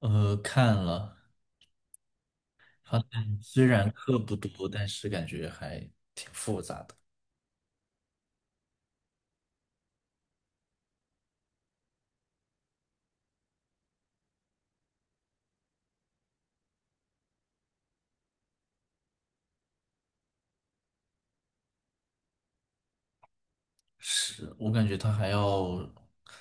看了，发现虽然课不多，但是感觉还挺复杂的。是，我感觉他还要，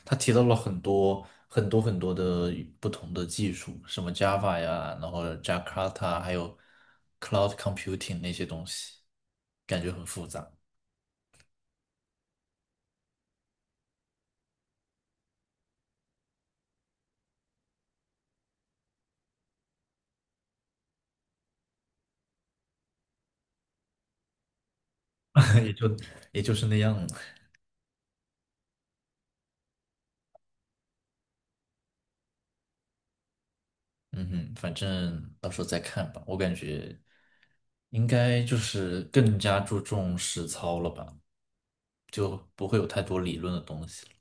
他提到了很多很多很多的不同的技术，什么 Java 呀，然后 Jakarta,还有 Cloud Computing 那些东西，感觉很复杂，也就也就是那样了。嗯哼，反正到时候再看吧。我感觉应该就是更加注重实操了吧。就不会有太多理论的东西了。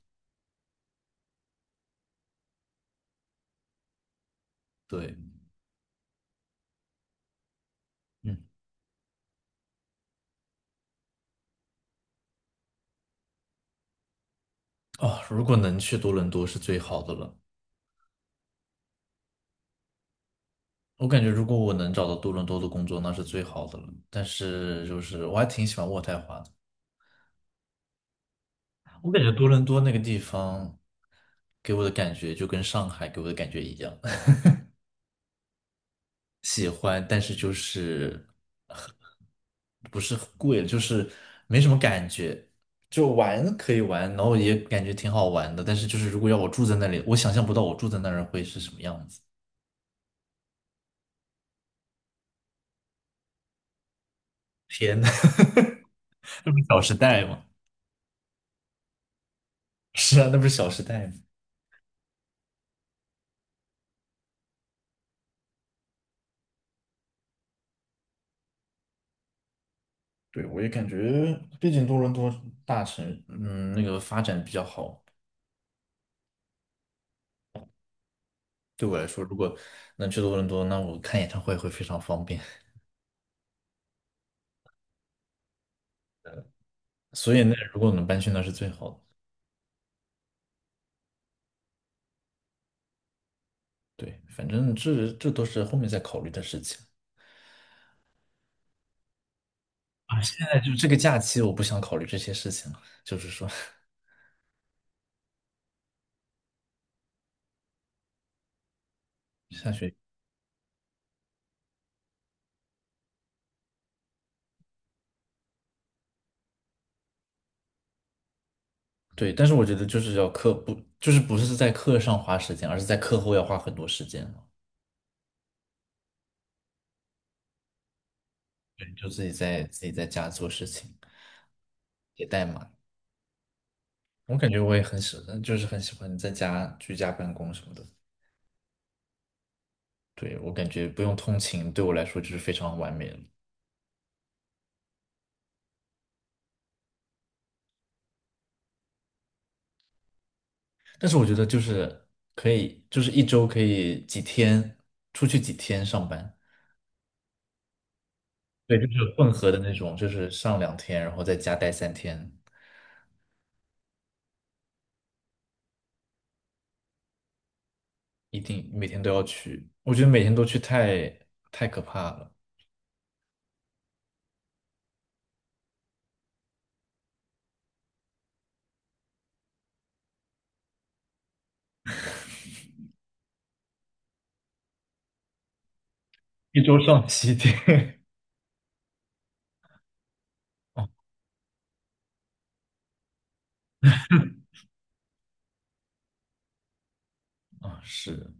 对，嗯，哦，如果能去多伦多是最好的了。我感觉如果我能找到多伦多的工作，那是最好的了。但是就是我还挺喜欢渥太华的，我感觉多伦多那个地方给我的感觉就跟上海给我的感觉一样，喜欢，但是就是不是很贵，就是没什么感觉。就玩可以玩，然后也感觉挺好玩的，但是就是如果要我住在那里，我想象不到我住在那儿会是什么样子。天呐，那不是《小时代》吗？是啊，那不是《小时代》吗？对，我也感觉，毕竟多伦多大城，嗯，那个发展比较好。对我来说，如果能去多伦多，那我看演唱会会非常方便。所以那如果能搬去那是最好的。对，反正这都是后面再考虑的事情啊。现在就这个假期，我不想考虑这些事情了。就是说，下学期。对，但是我觉得就是要课不，就是不是在课上花时间，而是在课后要花很多时间。对，就自己在家做事情，写代码。我感觉我也很喜欢，就是很喜欢在家居家办公什么的。对，我感觉不用通勤，对我来说就是非常完美了。但是我觉得就是可以，就是一周可以几天出去几天上班，对，就是混合的那种，就是上2天，然后在家待3天，一定每天都要去。我觉得每天都去太可怕了，一周上7天。啊，是，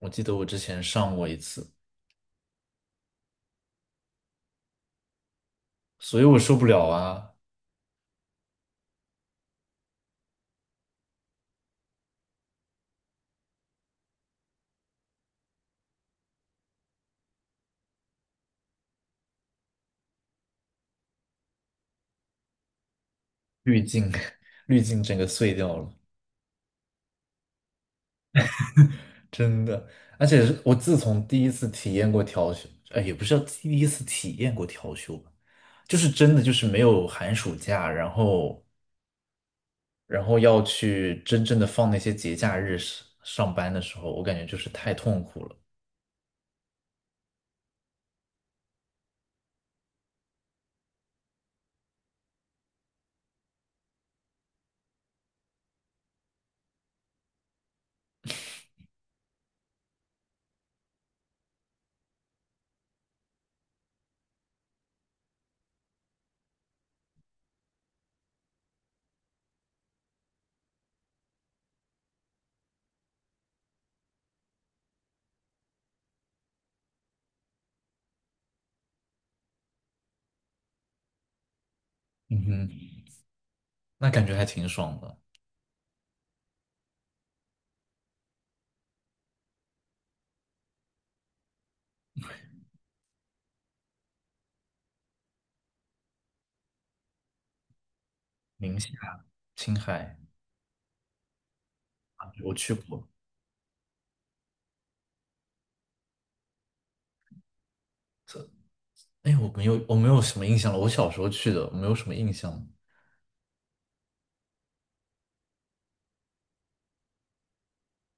我记得我之前上过一次。所以我受不了啊，滤镜，滤镜整个碎掉了，真的。而且是我自从第一次体验过调休，哎，也不是第一次体验过调休吧，就是真的就是没有寒暑假，然后要去真正的放那些节假日上班的时候，我感觉就是太痛苦了。嗯哼，那感觉还挺爽的，宁夏、青海啊，我去过。这，哎，我没有，我没有什么印象了。我小时候去的，我没有什么印象了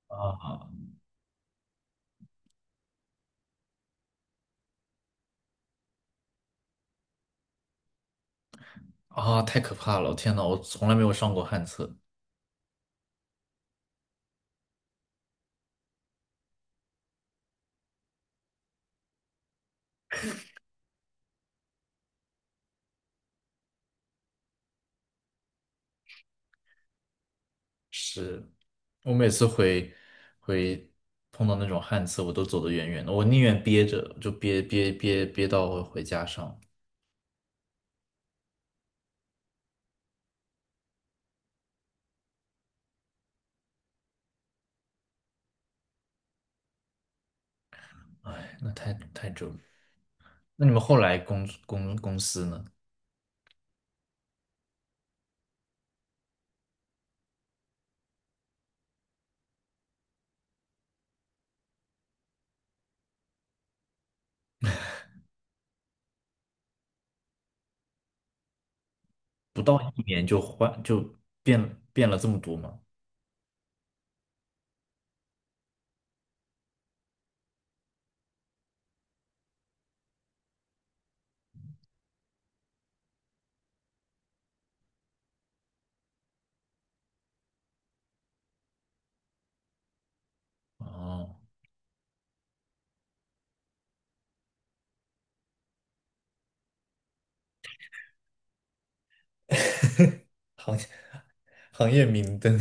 啊。啊，太可怕了！天呐，我从来没有上过旱厕，是我每次回碰到那种旱厕，我都走得远远的，我宁愿憋着，就憋到我回家上。哎，那太折磨。那你们后来公司呢？不到一年就变了这么多吗？哦，行业行业明灯，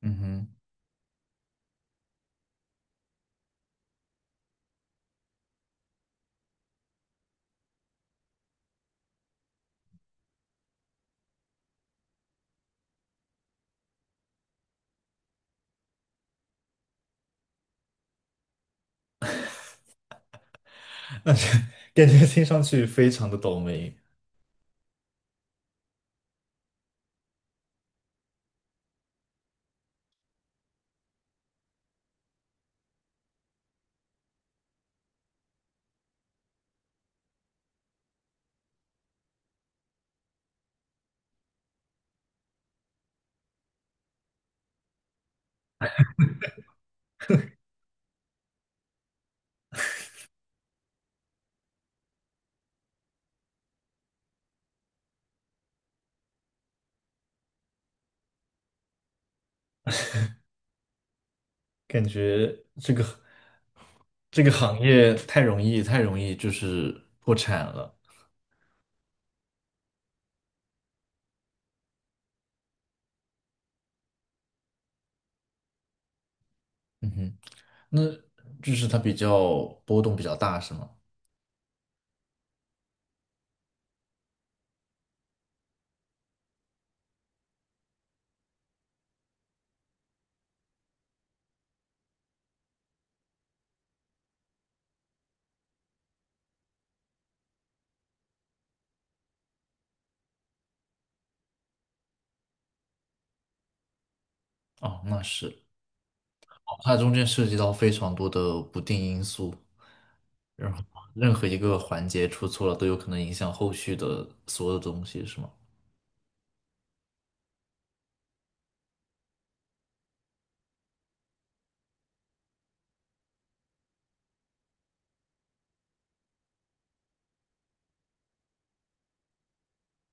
嗯哼，那是感觉听上去非常的倒霉。感觉这个行业太容易，太容易就是破产了。嗯哼，那就是它比较波动比较大，是吗？哦，那是，哦它中间涉及到非常多的不定因素，然后任何一个环节出错了，都有可能影响后续的所有的东西，是吗？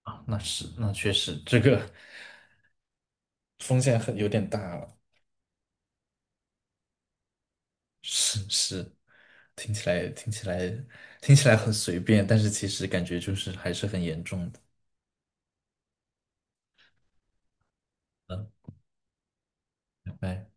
啊，那是，那确实，这个 风险很有点大了。是是，听起来听起来听起来很随便，但是其实感觉就是还是很严重的。嗯，拜拜。